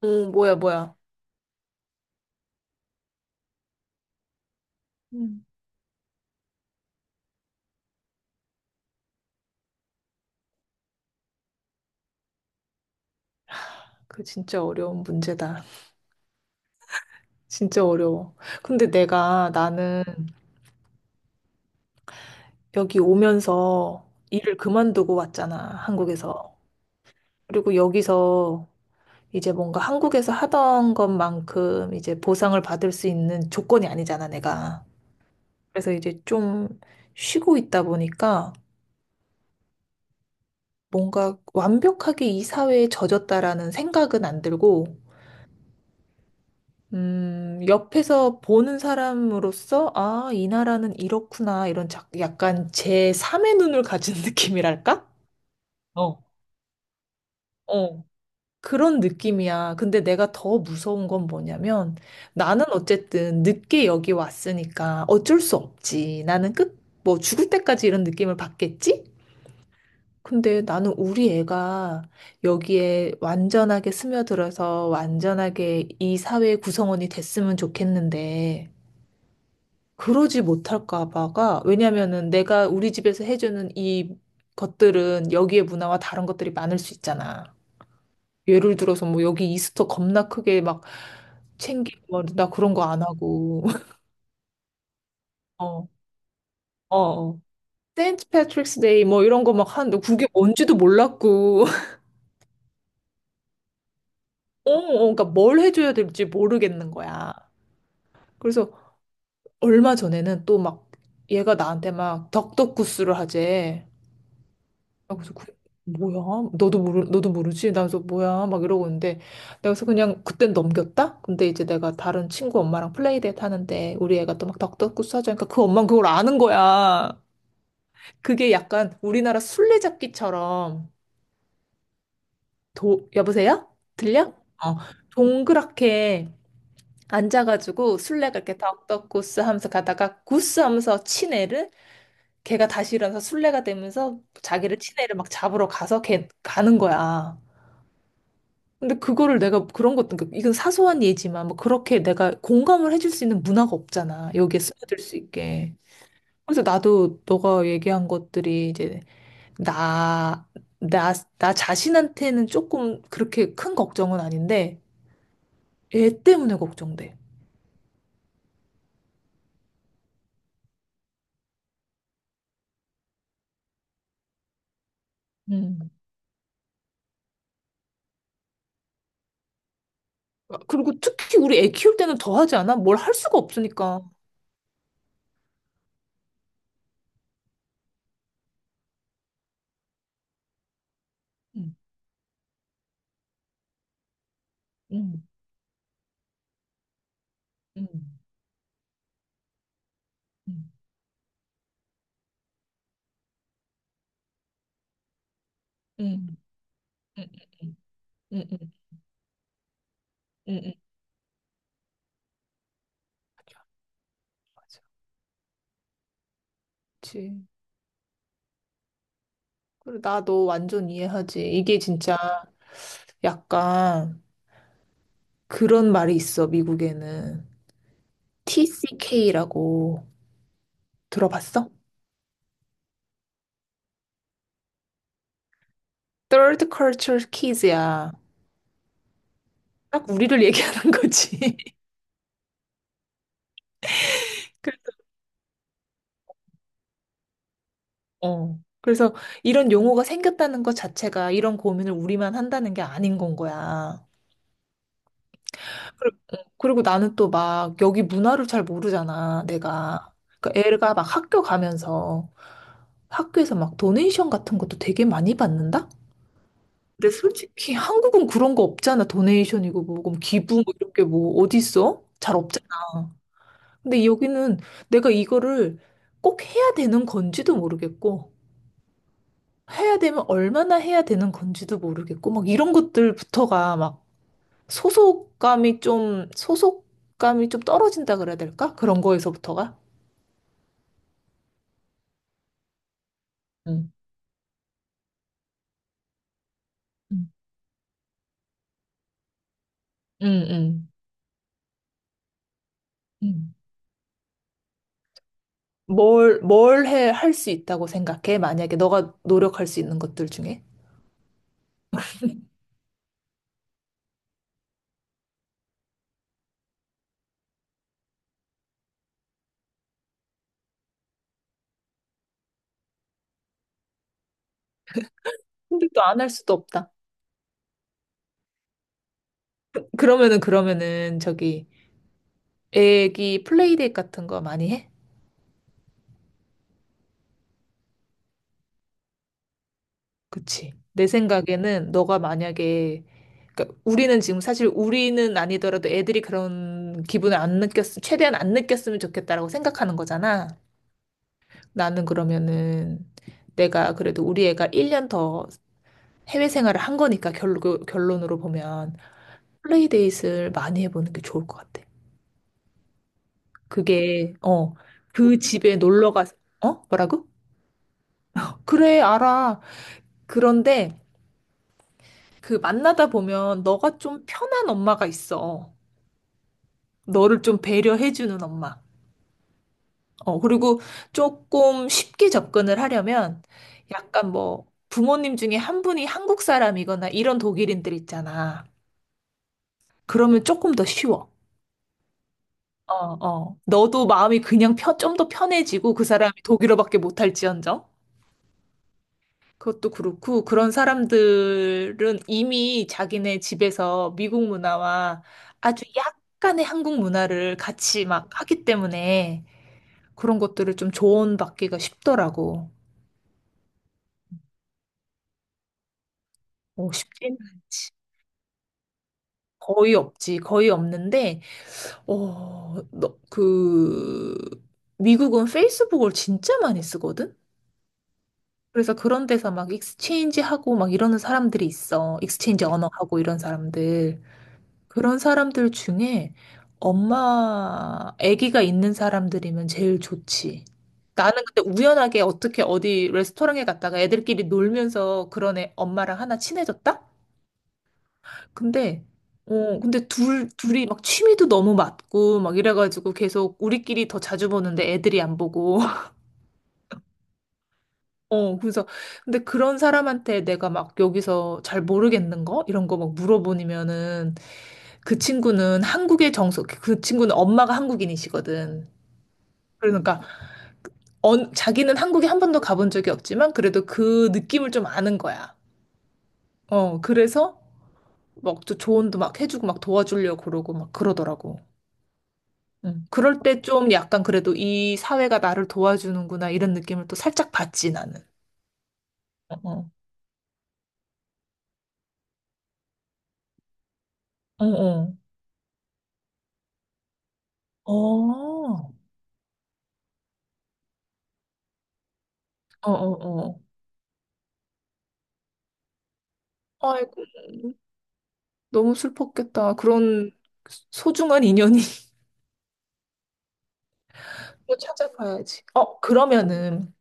어, 뭐야, 뭐야. 음. 그 진짜 어려운 문제다. 진짜 어려워. 근데 내가 나는 여기 오면서 일을 그만두고 왔잖아, 한국에서. 그리고 여기서 이제 뭔가 한국에서 하던 것만큼 이제 보상을 받을 수 있는 조건이 아니잖아, 내가. 그래서 이제 좀 쉬고 있다 보니까 뭔가 완벽하게 이 사회에 젖었다라는 생각은 안 들고 옆에서 보는 사람으로서, 아, 이 나라는 이렇구나, 이런 약간 제3의 눈을 가진 느낌이랄까? 어, 어, 그런 느낌이야. 근데 내가 더 무서운 건 뭐냐면 나는 어쨌든 늦게 여기 왔으니까 어쩔 수 없지. 나는 뭐 죽을 때까지 이런 느낌을 받겠지? 근데 나는 우리 애가 여기에 완전하게 스며들어서 완전하게 이 사회의 구성원이 됐으면 좋겠는데 그러지 못할까 봐가 왜냐면은 내가 우리 집에서 해주는 이 것들은 여기의 문화와 다른 것들이 많을 수 있잖아. 예를 들어서 뭐 여기 이스터 겁나 크게 막 챙기고 뭐나 그런 거 안 하고 어, 어, 어. 세인트 패트릭스 데이 뭐 이런 거 막 하는데 그게 뭔지도 몰랐고 어, 어, 그러니까 뭘 해줘야 될지 모르겠는 거야. 그래서 얼마 전에는 또 막 얘가 나한테 막 덕덕구스를 하재. 그래서 뭐야? 너도 모르지? 나 그래서 뭐야? 막 이러고 있는데 내가 그래서 그냥 그땐 넘겼다. 근데 이제 내가 다른 친구 엄마랑 플레이데이트 하는데 우리 애가 또 막 덕덕구스 하자니까 그 엄마는 그걸 아는 거야. 그게 약간 우리나라 술래잡기처럼 도 여보세요? 들려? 어 동그랗게 앉아가지고 술래가 이렇게 덕덕구스 하면서 가다가 구스 하면서 친 애를 걔가 다시 일어나서 술래가 되면서 자기를 친 애를 막 잡으러 가서 걔 가는 거야. 근데 그거를 내가 그런 것도 그러니까 이건 사소한 예지만 뭐 그렇게 내가 공감을 해줄 수 있는 문화가 없잖아. 여기에 스며들 수 있게. 그래서 나도 너가 얘기한 것들이 이제 나, 나, 나 자신한테는 조금 그렇게 큰 걱정은 아닌데 얘 때문에 걱정돼. 음. 그리고 특히 우리 애 키울 때는 더 하지 않아? 뭘 할 수가 없으니까. 음, 음, 음, 음, 음, 음, 음, 음, 음, 음, 음. 맞아. 맞아. 그치. 그래, 나너 완전 이해하지. 이게 진짜 음. 약간 그런 말이 있어, 미국에는. TCK라고 들어봤어? Third Culture Kids야. 딱 우리를 얘기하는 거지. 그래- 어. 그래서 이런 용어가 생겼다는 것 자체가 이런 고민을 우리만 한다는 게 아닌 건 거야. 어, 그리고 나는 또 막 여기 문화를 잘 모르잖아, 내가. 그러니까 애가 막 학교 가면서 학교에서 막 도네이션 같은 것도 되게 많이 받는다? 근데 솔직히 한국은 그런 거 없잖아. 도네이션이고 뭐고 뭐 기부 뭐 이런 게 뭐 어디 있어? 잘 없잖아. 근데 여기는 내가 이거를 꼭 해야 되는 건지도 모르겠고 해야 되면 얼마나 해야 되는 건지도 모르겠고 막 이런 것들부터가 막 소속감이 좀 떨어진다 그래야 될까? 그런 거에서부터가. 응. 응. 응. 응. 응. 뭘 할 수 있다고 생각해? 만약에 너가 노력할 수 있는 것들 중에. 근데 또 안 할 수도 없다. 그러면은 저기 애기 플레이데이 같은 거 많이 해? 그치. 내 생각에는 너가 만약에 그러니까 우리는 지금 사실 우리는 아니더라도 애들이 그런 기분을 안 느꼈, 최대한 안 느꼈으면 좋겠다라고 생각하는 거잖아. 나는 그러면은 내가 그래도 우리 애가 1년 더 해외 생활을 한 거니까 결론으로 보면 플레이데이를 많이 해보는 게 좋을 것 같아. 그게, 어, 그 집에 놀러 가서, 어? 뭐라고? 그래, 알아. 그런데 그 만나다 보면 너가 좀 편한 엄마가 있어. 너를 좀 배려해주는 엄마. 어, 그리고 조금 쉽게 접근을 하려면 약간 뭐 부모님 중에 한 분이 한국 사람이거나 이런 독일인들 있잖아. 그러면 조금 더 쉬워. 어, 어. 너도 마음이 그냥 좀 더 편해지고 그 사람이 독일어밖에 못할지언정. 그것도 그렇고, 그런 사람들은 이미 자기네 집에서 미국 문화와 아주 약간의 한국 문화를 같이 막 하기 때문에 그런 것들을 좀 조언받기가 쉽더라고. 어, 쉽지는 않지. 거의 없지. 거의 없는데, 어, 너, 그, 미국은 페이스북을 진짜 많이 쓰거든? 그래서 그런 데서 막 익스체인지 하고 막 이러는 사람들이 있어. 익스체인지 언어 하고 이런 사람들. 그런 사람들 중에 엄마, 아기가 있는 사람들이면 제일 좋지. 나는 근데 우연하게 어떻게 어디 레스토랑에 갔다가 애들끼리 놀면서 그런 애 엄마랑 하나 친해졌다? 근데, 근데 둘이 막 취미도 너무 맞고 막 이래가지고 계속 우리끼리 더 자주 보는데 애들이 안 보고. 어, 그래서 근데 그런 사람한테 내가 막 여기서 잘 모르겠는 거? 이런 거 막 물어보면은 그 친구는 엄마가 한국인이시거든. 그러니까 자기는 한국에 한 번도 가본 적이 없지만 그래도 그 느낌을 좀 아는 거야. 어, 그래서 막 조언도 막 해주고 막 도와주려고 그러고 막 그러더라고. 응. 그럴 때 좀 약간 그래도 이 사회가 나를 도와주는구나 이런 느낌을 또 살짝 받지 나는. 어, 어, 어, 어, 어, 어, 어. 어. 아이고, 너무 슬펐겠다. 그런 소중한 인연이. 또 찾아봐야지. 어, 그러면은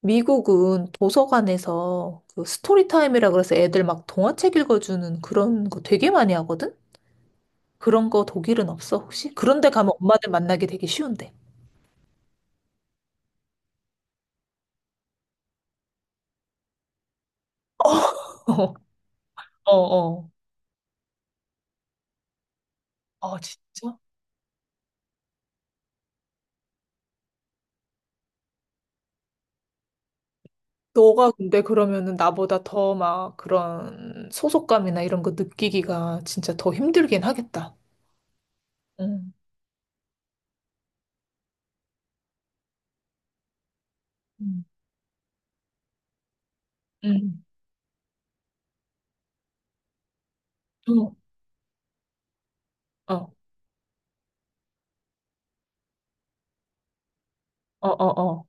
미국은 도서관에서 그 스토리 타임이라 그래서 애들 막 동화책 읽어주는 그런 거 되게 많이 하거든? 그런 거 독일은 없어, 혹시? 그런데 가면 엄마들 만나기 되게 쉬운데. 어, 어, 어. 아, 진짜? 너가 근데 그러면은 나보다 더 막 그런 소속감이나 이런 거 느끼기가 진짜 더 힘들긴 하겠다. 응, 응, 응. 어, 어, 어, 어,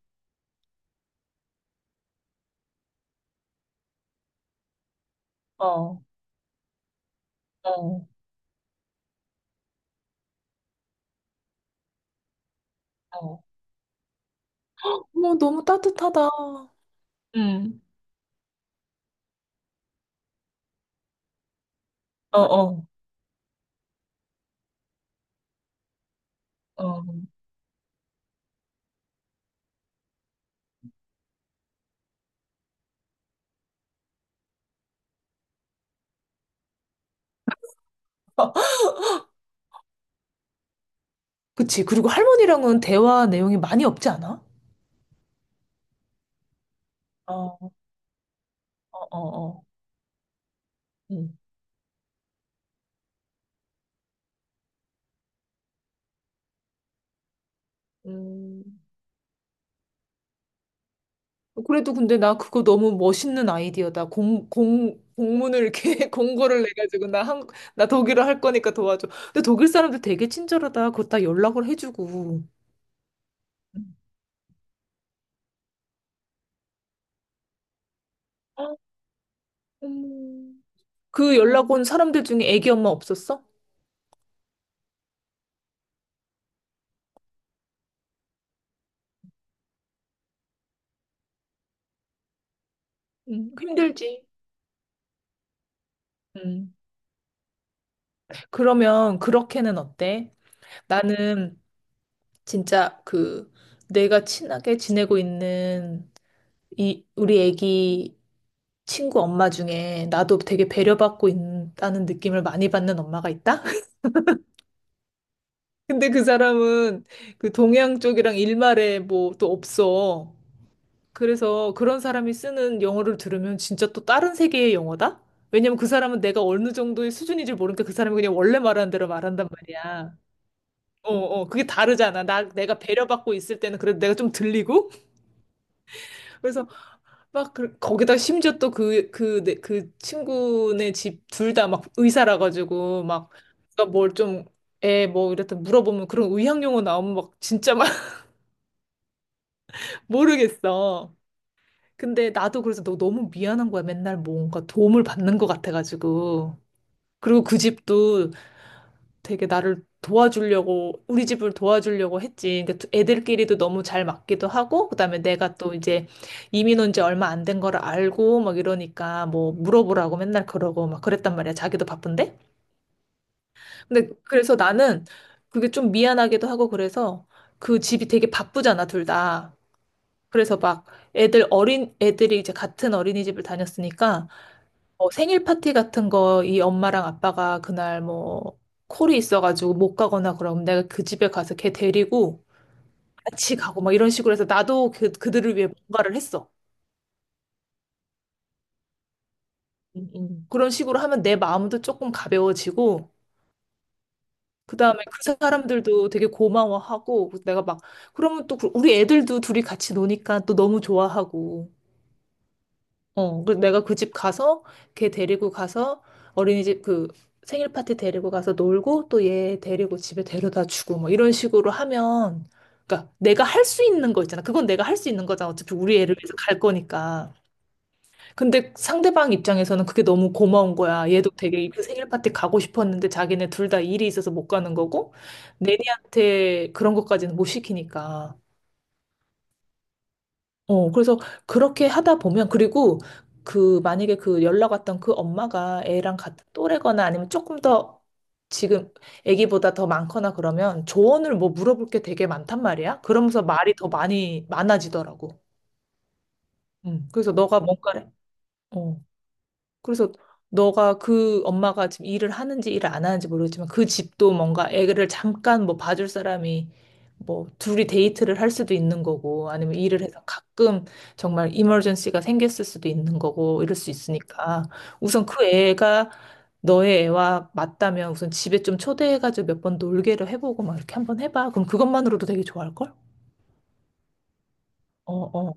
어, 어, 어. 어머, 너무 따뜻하다. 응 어, 어, 어. 그치. 그리고 할머니랑은 대화 내용이 많이 없지 않아? 어, 어, 어. 음. 음. 그래도 근데 나 그거 너무 멋있는 아이디어다. 공문을 이렇게 공고를 내가지고 나 독일어 할 거니까 도와줘. 근데 독일 사람들 되게 친절하다. 그거 다 연락을 해주고. 어, 음. 그 연락 온 사람들 중에 애기 엄마 없었어? 음. 힘들지. 음. 그러면 그렇게는 어때? 나는 진짜 그 내가 친하게 지내고 있는 이 우리 애기 친구 엄마 중에 나도 되게 배려받고 있다는 느낌을 많이 받는 엄마가 있다? 근데 그 사람은 그 동양 쪽이랑 일말에 뭐 또 없어. 그래서 그런 사람이 쓰는 영어를 들으면 진짜 또 다른 세계의 영어다? 왜냐면 그 사람은 내가 어느 정도의 수준인지 모르니까 그 사람이 그냥 원래 말하는 대로 말한단 말이야. 어, 어, 그게 다르잖아. 내가 배려받고 있을 때는 그래도 내가 좀 들리고, 그래서 막 거기다 심지어 또 그 친구네 집 둘 다 막 의사라 가지고 막 뭘 좀 애 뭐 이랬다 물어보면 그런 의학 용어 나오면 막 진짜 막 모르겠어. 근데 나도 그래서 너 너무 미안한 거야. 맨날 뭔가 도움을 받는 것 같아가지고. 그리고 그 집도 되게 나를 도와주려고 우리 집을 도와주려고 했지. 근데 애들끼리도 너무 잘 맞기도 하고 그다음에 내가 또 이제 이민 온지 얼마 안 된 거를 알고 막 이러니까 뭐 물어보라고 맨날 그러고 막 그랬단 말이야. 자기도 바쁜데. 근데 그래서 나는 그게 좀 미안하기도 하고 그래서 그 집이 되게 바쁘잖아, 둘 다. 그래서 막 애들 어린 애들이 이제 같은 어린이집을 다녔으니까 뭐 생일 파티 같은 거 이 엄마랑 아빠가 그날 뭐 콜이 있어가지고 못 가거나 그럼 내가 그 집에 가서 걔 데리고 같이 가고 막 이런 식으로 해서 나도 그, 그들을 위해 뭔가를 했어. 그런 식으로 하면 내 마음도 조금 가벼워지고 그다음에 그 사람들도 되게 고마워하고 내가 막 그러면 또 우리 애들도 둘이 같이 노니까 또 너무 좋아하고 어, 그 내가 그 집 가서 걔 데리고 가서 어린이집 그 생일 파티 데리고 가서 놀고 또 얘 데리고 집에 데려다 주고 뭐 이런 식으로 하면 그러니까 내가 할 수 있는 거 있잖아. 그건 내가 할 수 있는 거잖아. 어차피 우리 애를 위해서 갈 거니까. 근데 상대방 입장에서는 그게 너무 고마운 거야. 얘도 되게 그 생일 파티 가고 싶었는데 자기네 둘 다 일이 있어서 못 가는 거고 내니한테 그런 것까지는 못 시키니까. 어, 그래서 그렇게 하다 보면, 그리고 그, 만약에 그 연락 왔던 그 엄마가 애랑 같은 또래거나 아니면 조금 더 지금 애기보다 더 많거나 그러면 조언을 뭐 물어볼 게 되게 많단 말이야. 그러면서 말이 더 많아지더라고. 그래서 너가 뭔가를, 어. 그래서 너가 그 엄마가 지금 일을 하는지 일을 안 하는지 모르겠지만 그 집도 뭔가 애를 잠깐 뭐 봐줄 사람이 뭐 둘이 데이트를 할 수도 있는 거고 아니면 일을 해서 가끔 정말 이머전시가 생겼을 수도 있는 거고 이럴 수 있으니까 우선 그 애가 너의 애와 맞다면 우선 집에 좀 초대해가지고 몇 번 놀게를 해보고 막 이렇게 한번 해봐. 그럼 그것만으로도 되게 좋아할걸? 어, 어,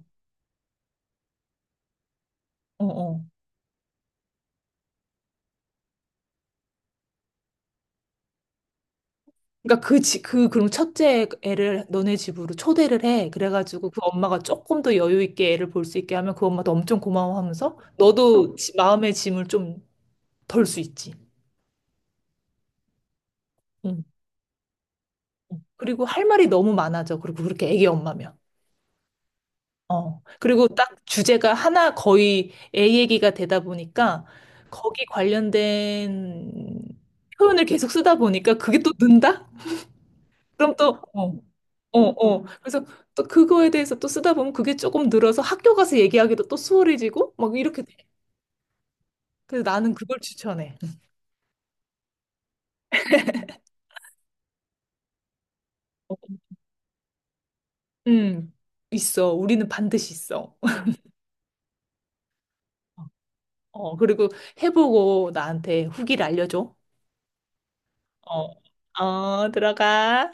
어, 어. 그러니까 그 지, 그 그럼 첫째 애를 너네 집으로 초대를 해. 그래가지고 그 엄마가 조금 더 여유 있게 애를 볼 수 있게 하면 그 엄마도 엄청 고마워하면서 너도 마음의 짐을 좀 덜 수 있지. 응. 응. 그리고 할 말이 너무 많아져. 그리고 그렇게 애기 엄마면. 어. 그리고 딱 주제가 하나 거의 애 얘기가 되다 보니까 거기 관련된 표현을 계속 쓰다 보니까 그게 또 는다? 그럼 또, 어, 어, 어. 그래서 또 그거에 대해서 또 쓰다 보면 그게 조금 늘어서 학교 가서 얘기하기도 또 수월해지고 막 이렇게 돼. 그래서 나는 그걸 추천해. 어, 음, 있어. 우리는 반드시 있어. 어, 그리고 해보고 나한테 후기를 알려줘. 어, 어, 들어가.